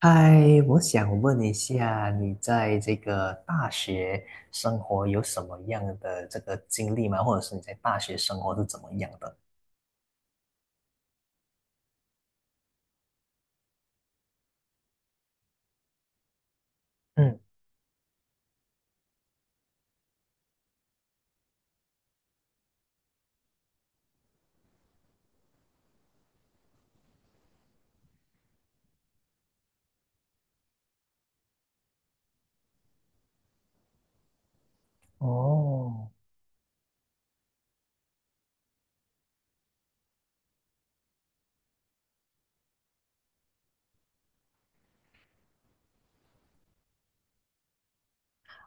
嗨，我想问一下，你在这个大学生活有什么样的这个经历吗？或者是你在大学生活是怎么样的？嗯，哦，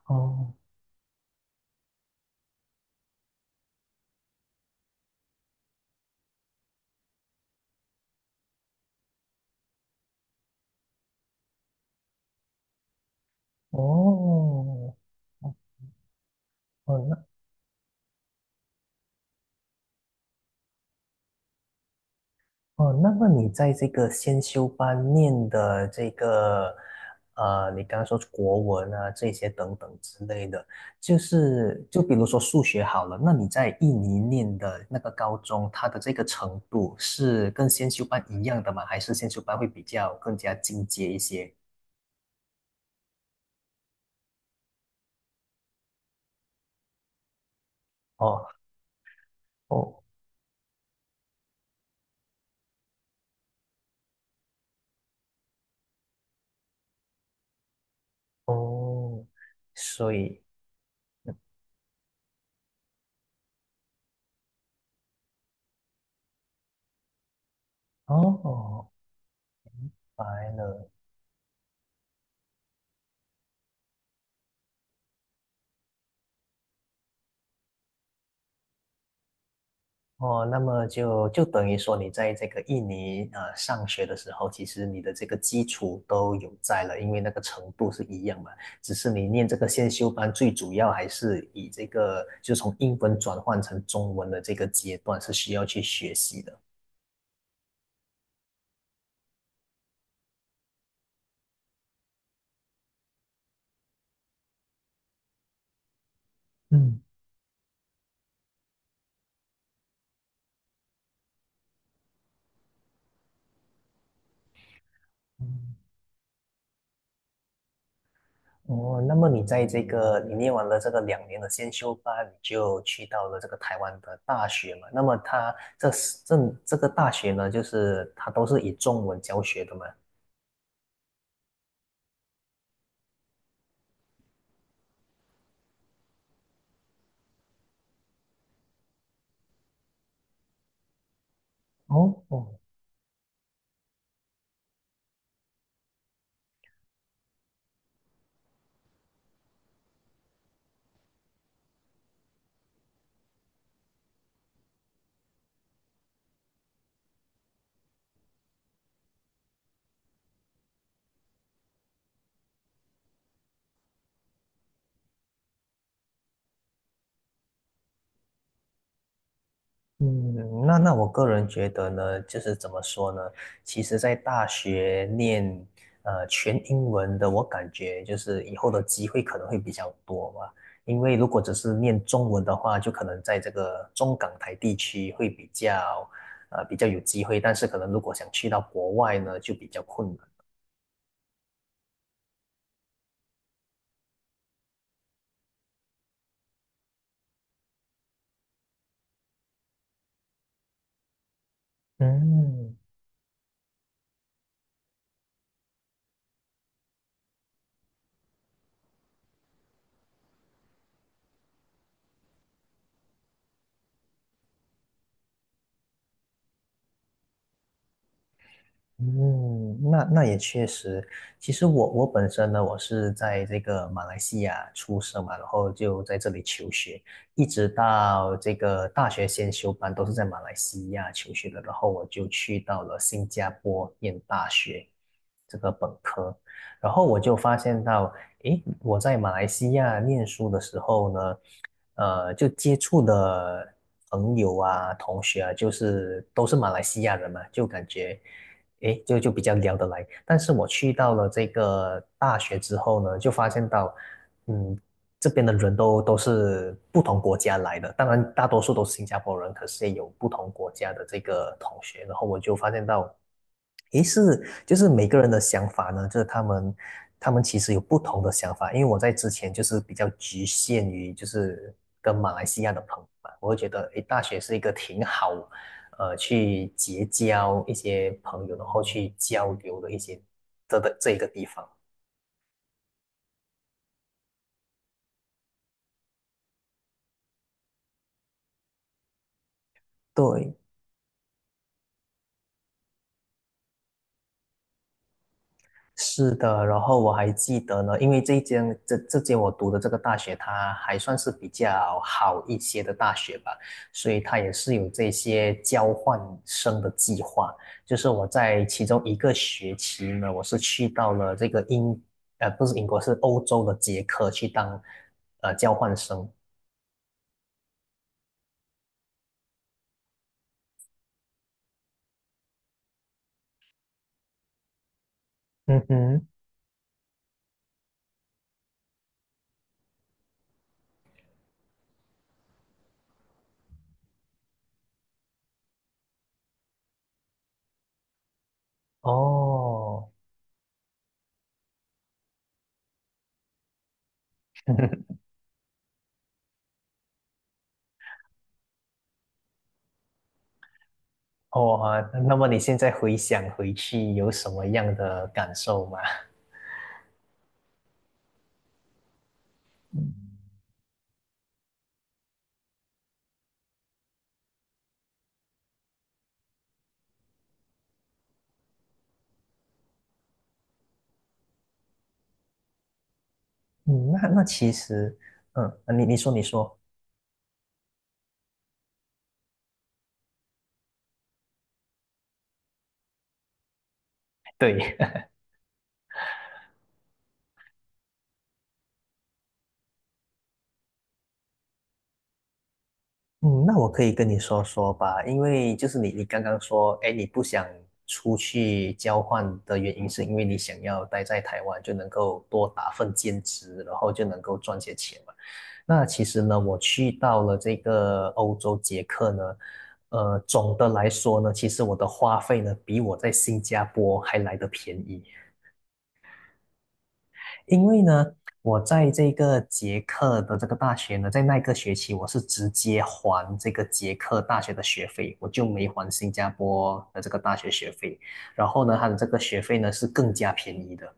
哦，哦，哦，那。哦，那么你在这个先修班念的这个，你刚刚说国文啊，这些等等之类的，就比如说数学好了，那你在印尼念的那个高中，它的这个程度是跟先修班一样的吗？还是先修班会比较更加进阶一些？哦哦哦，所以哦，哦白了。哦，那么就等于说，你在这个印尼上学的时候，其实你的这个基础都有在了，因为那个程度是一样嘛。只是你念这个先修班，最主要还是以这个就从英文转换成中文的这个阶段是需要去学习的。嗯嗯哦，那么你在这个你念完了这个两年的先修班，你就去到了这个台湾的大学嘛？那么它这是这个大学呢，就是它都是以中文教学的嘛？哦哦，嗯，那我个人觉得呢，就是怎么说呢？其实，在大学念全英文的，我感觉就是以后的机会可能会比较多吧。因为如果只是念中文的话，就可能在这个中港台地区会比较比较有机会，但是可能如果想去到国外呢，就比较困难。嗯。嗯，那也确实。其实我本身呢，我是在这个马来西亚出生嘛，然后就在这里求学，一直到这个大学先修班都是在马来西亚求学的，然后我就去到了新加坡念大学这个本科，然后我就发现到，诶，我在马来西亚念书的时候呢，就接触的朋友啊、同学啊，就是都是马来西亚人嘛，就感觉。诶，就比较聊得来。但是我去到了这个大学之后呢，就发现到，嗯，这边的人都是不同国家来的，当然大多数都是新加坡人，可是也有不同国家的这个同学。然后我就发现到，诶，是就是每个人的想法呢，就是他们其实有不同的想法。因为我在之前就是比较局限于就是跟马来西亚的朋友嘛，我会觉得诶，大学是一个挺好去结交一些朋友，然后去交流的一些这一个地方。对，是的，然后我还记得呢，因为这一间这间我读的这个大学，它还算是比较好一些的大学吧，所以它也是有这些交换生的计划。就是我在其中一个学期呢，我是去到了这个英，不是英国，是欧洲的捷克去当交换生。嗯哼，哦，哦啊，那么你现在回想回去有什么样的感受吗？嗯，那那其实，嗯，你说，对，嗯，那我可以跟你说说吧，因为就是你刚刚说，哎，你不想出去交换的原因是因为你想要待在台湾，就能够多打份兼职，然后就能够赚些钱嘛。那其实呢，我去到了这个欧洲捷克呢，总的来说呢，其实我的花费呢，比我在新加坡还来得便宜，因为呢，我在这个捷克的这个大学呢，在那个学期我是直接还这个捷克大学的学费，我就没还新加坡的这个大学学费，然后呢，它的这个学费呢是更加便宜的。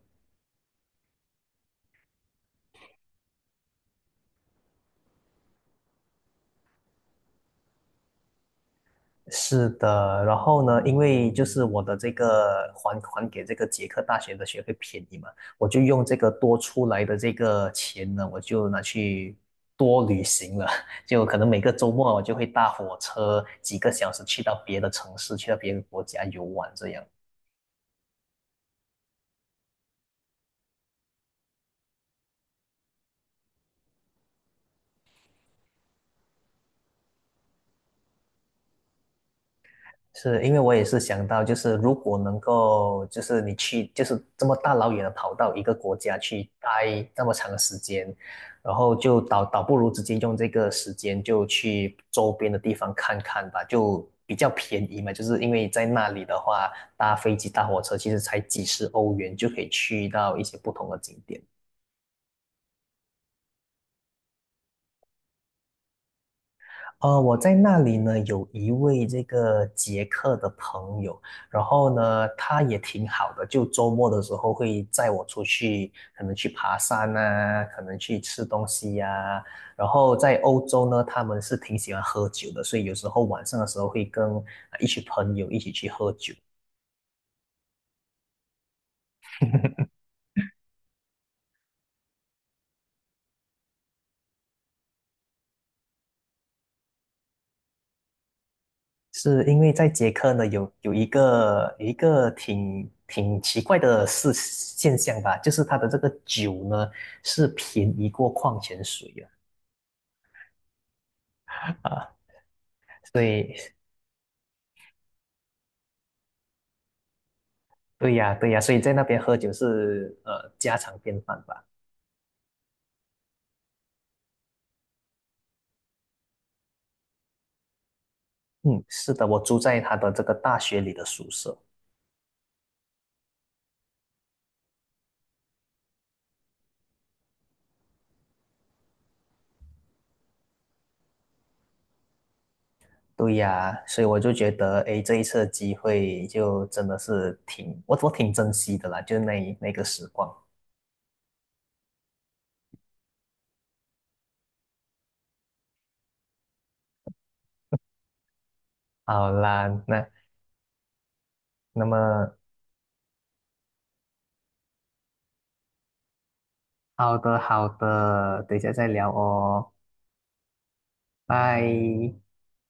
是的，然后呢，因为就是我的这个还给这个捷克大学的学费便宜嘛，我就用这个多出来的这个钱呢，我就拿去多旅行了，就可能每个周末我就会搭火车几个小时去到别的城市，去到别的国家游玩这样。是因为我也是想到，就是如果能够，就是你去，就是这么大老远的跑到一个国家去待那么长的时间，然后就倒不如直接用这个时间就去周边的地方看看吧，就比较便宜嘛。就是因为在那里的话，搭飞机、搭火车其实才几十欧元就可以去到一些不同的景点。我在那里呢，有一位这个捷克的朋友，然后呢，他也挺好的，就周末的时候会载我出去，可能去爬山啊，可能去吃东西呀、然后在欧洲呢，他们是挺喜欢喝酒的，所以有时候晚上的时候会跟一群朋友一起去喝酒。是因为在捷克呢，有一个有一个挺奇怪的事现象吧，就是它的这个酒呢是便宜过矿泉水哦啊，所以对呀，对呀，所以在那边喝酒是家常便饭吧？嗯，是的，我住在他的这个大学里的宿舍。对呀，所以我就觉得，诶，这一次的机会就真的是挺，我挺珍惜的啦，就是那个时光。好啦，那那么好的好的，等一下再聊哦，拜。